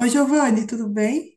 Oi, Giovanni, tudo bem?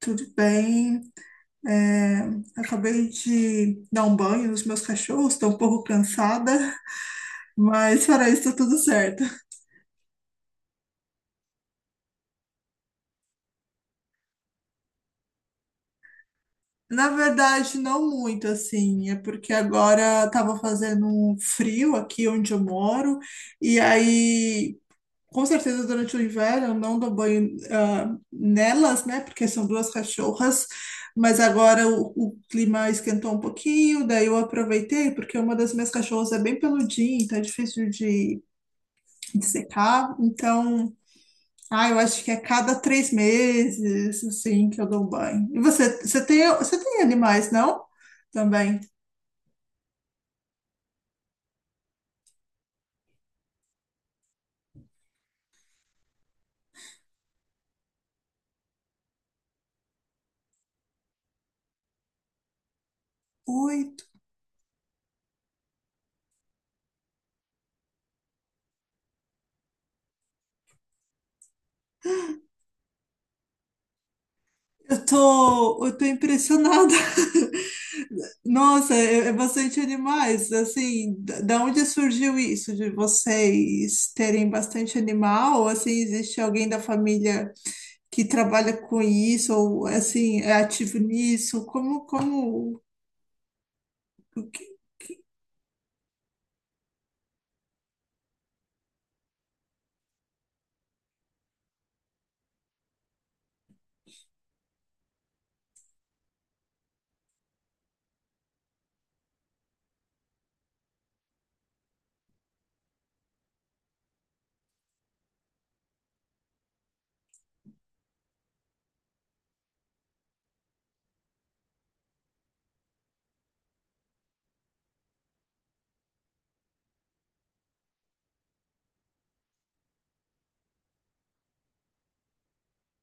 Tudo bem. É, Acabei de dar um banho nos meus cachorros, estou um pouco cansada, mas fora isso, tá tudo certo. Na verdade, não muito assim, é porque agora estava fazendo um frio aqui onde eu moro, e aí. Com certeza, durante o inverno, eu não dou banho nelas, né? Porque são duas cachorras, mas agora o clima esquentou um pouquinho, daí eu aproveitei, porque uma das minhas cachorras é bem peludinha, então é difícil de secar. Então, eu acho que é cada três meses, assim, que eu dou banho. E você, você tem animais, não? Também. Oito. Eu tô impressionada. Nossa, é, é bastante animais. Assim, da onde surgiu isso de vocês terem bastante animal? Ou assim, existe alguém da família que trabalha com isso ou assim é ativo nisso? Como, como? o que-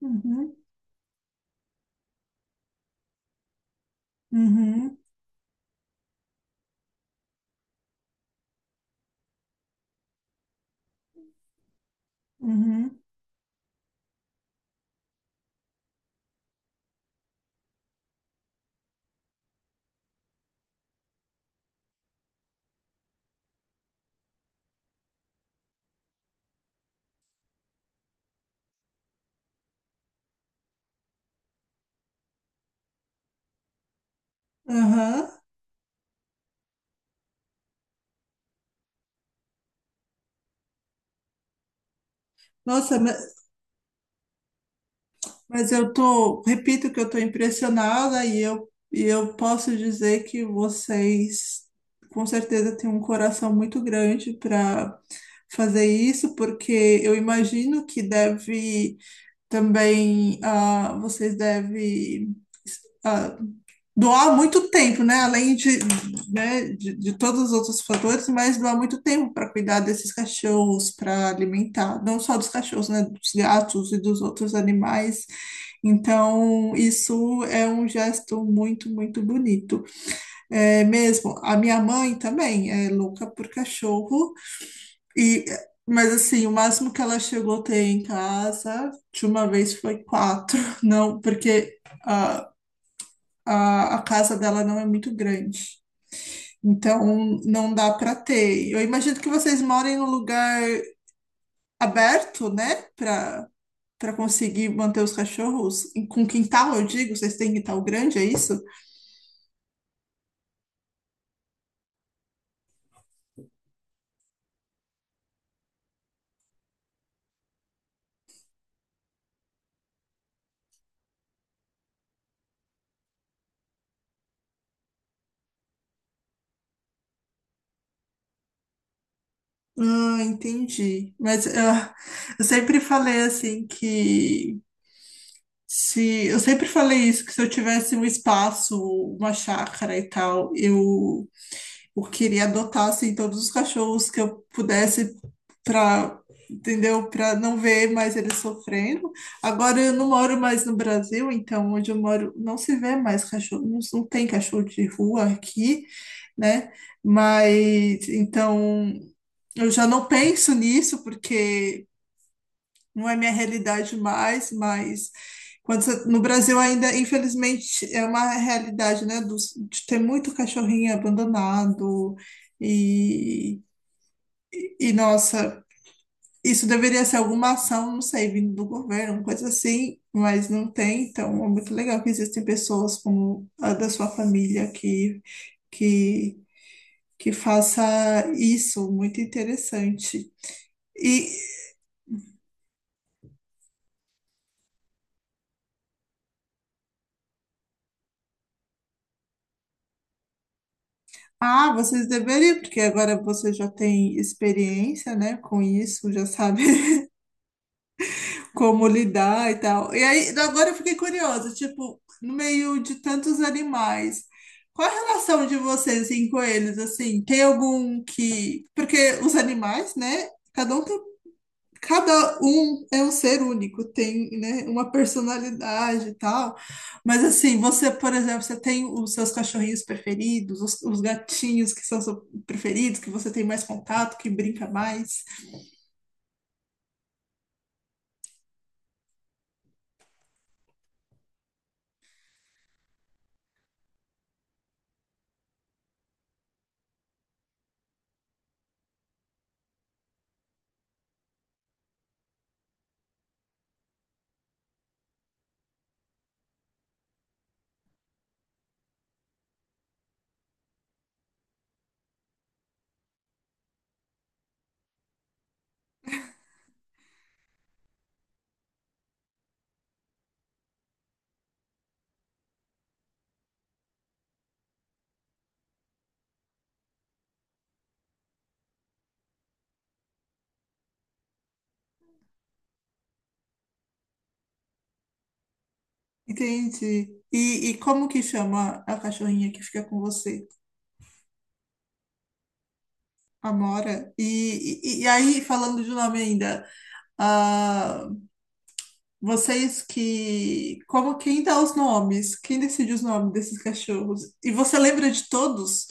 Uhum, uhum, uhum, aham. Nossa, mas repito que eu tô impressionada e eu posso dizer que vocês com certeza têm um coração muito grande para fazer isso, porque eu imagino que deve também, vocês devem ah, doar muito tempo, né? Além de, né, de todos os outros fatores, mas doar muito tempo para cuidar desses cachorros, para alimentar, não só dos cachorros, né? Dos gatos e dos outros animais. Então, isso é um gesto muito, muito bonito. É mesmo, a minha mãe também é louca por cachorro e mas assim, o máximo que ela chegou a ter em casa de uma vez foi quatro, não, porque ah, a casa dela não é muito grande. Então, não dá para ter. Eu imagino que vocês morem num lugar aberto, né? Para para conseguir manter os cachorros. E com quintal, eu digo, vocês têm quintal grande, é isso? Ah, entendi. Mas eu sempre falei assim que. Se, eu sempre falei isso, que se eu tivesse um espaço, uma chácara e tal, eu queria adotar assim todos os cachorros que eu pudesse para, entendeu? Para não ver mais eles sofrendo. Agora eu não moro mais no Brasil, então onde eu moro não se vê mais cachorro, não, não tem cachorro de rua aqui, né? Mas então eu já não penso nisso porque não é minha realidade mais, mas no Brasil ainda, infelizmente, é uma realidade, né, de ter muito cachorrinho abandonado e, e nossa, isso deveria ser alguma ação, não sei, vindo do governo, uma coisa assim, mas não tem, então é muito legal que existem pessoas como a da sua família que que faça isso, muito interessante. E ah, vocês deveriam, porque agora você já tem experiência, né, com isso, já sabe como lidar e tal. E aí, agora eu fiquei curiosa, tipo, no meio de tantos animais, qual a relação de vocês, assim, com eles, assim? Tem algum que... Porque os animais, né, cada um é um ser único, tem, né, uma personalidade e tal. Mas assim, você, por exemplo, você tem os seus cachorrinhos preferidos, os gatinhos que são seus preferidos, que você tem mais contato, que brinca mais, entende? E como que chama a cachorrinha que fica com você? Amora. E aí, falando de nome ainda, ah, vocês que. Como quem dá os nomes? Quem decide os nomes desses cachorros? E você lembra de todos?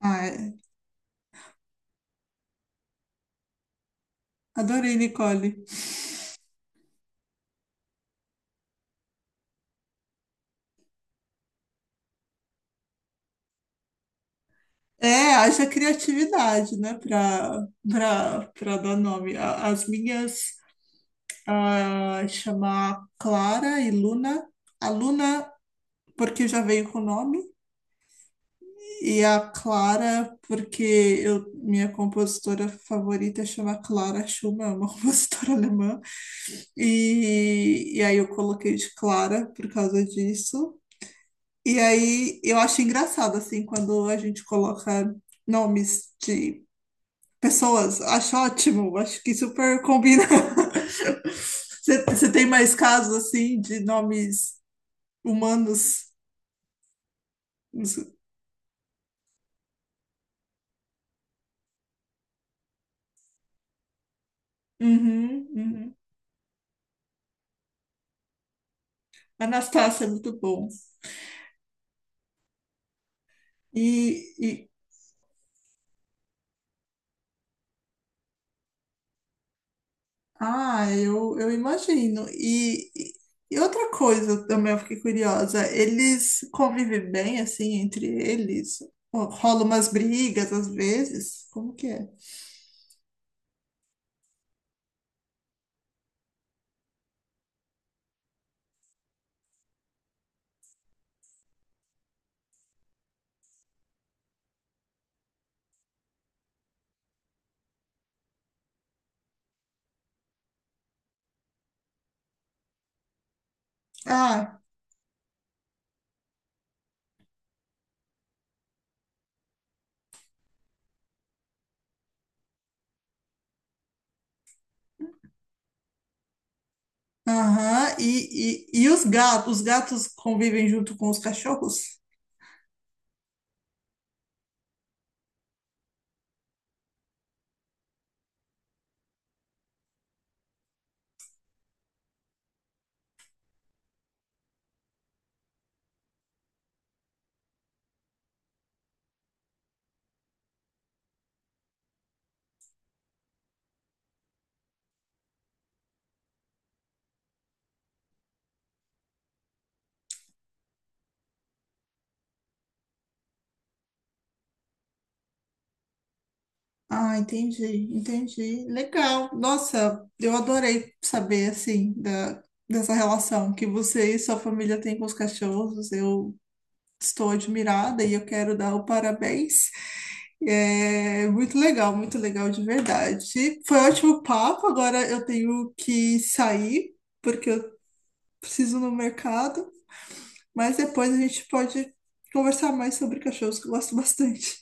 Ah, é. Adorei, Nicole. É, haja criatividade, né, para para para dar nome. A- As minhas chamar Clara e Luna. A Luna, porque já veio com o nome, e a Clara, porque eu, minha compositora favorita chama Clara Schumann, é uma compositora alemã, e aí eu coloquei de Clara por causa disso. E aí eu acho engraçado, assim, quando a gente coloca nomes de pessoas. Acho ótimo, acho que super combina. Você tem mais casos, assim, de nomes humanos? Uhum, uhum. Anastácia é muito bom. E, ah, eu imagino. E outra coisa também eu fiquei curiosa, eles convivem bem assim entre eles? Ou rola umas brigas às vezes? Como que é? Ah, aham. E os gatos? Os gatos convivem junto com os cachorros? Ah, entendi, entendi. Legal. Nossa, eu adorei saber assim da, dessa relação que você e sua família têm com os cachorros. Eu estou admirada e eu quero dar o parabéns. É muito legal de verdade. Foi ótimo papo. Agora eu tenho que sair porque eu preciso ir no mercado, mas depois a gente pode conversar mais sobre cachorros que eu gosto bastante.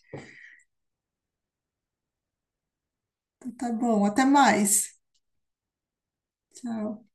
Então, tá bom, até mais. Tchau.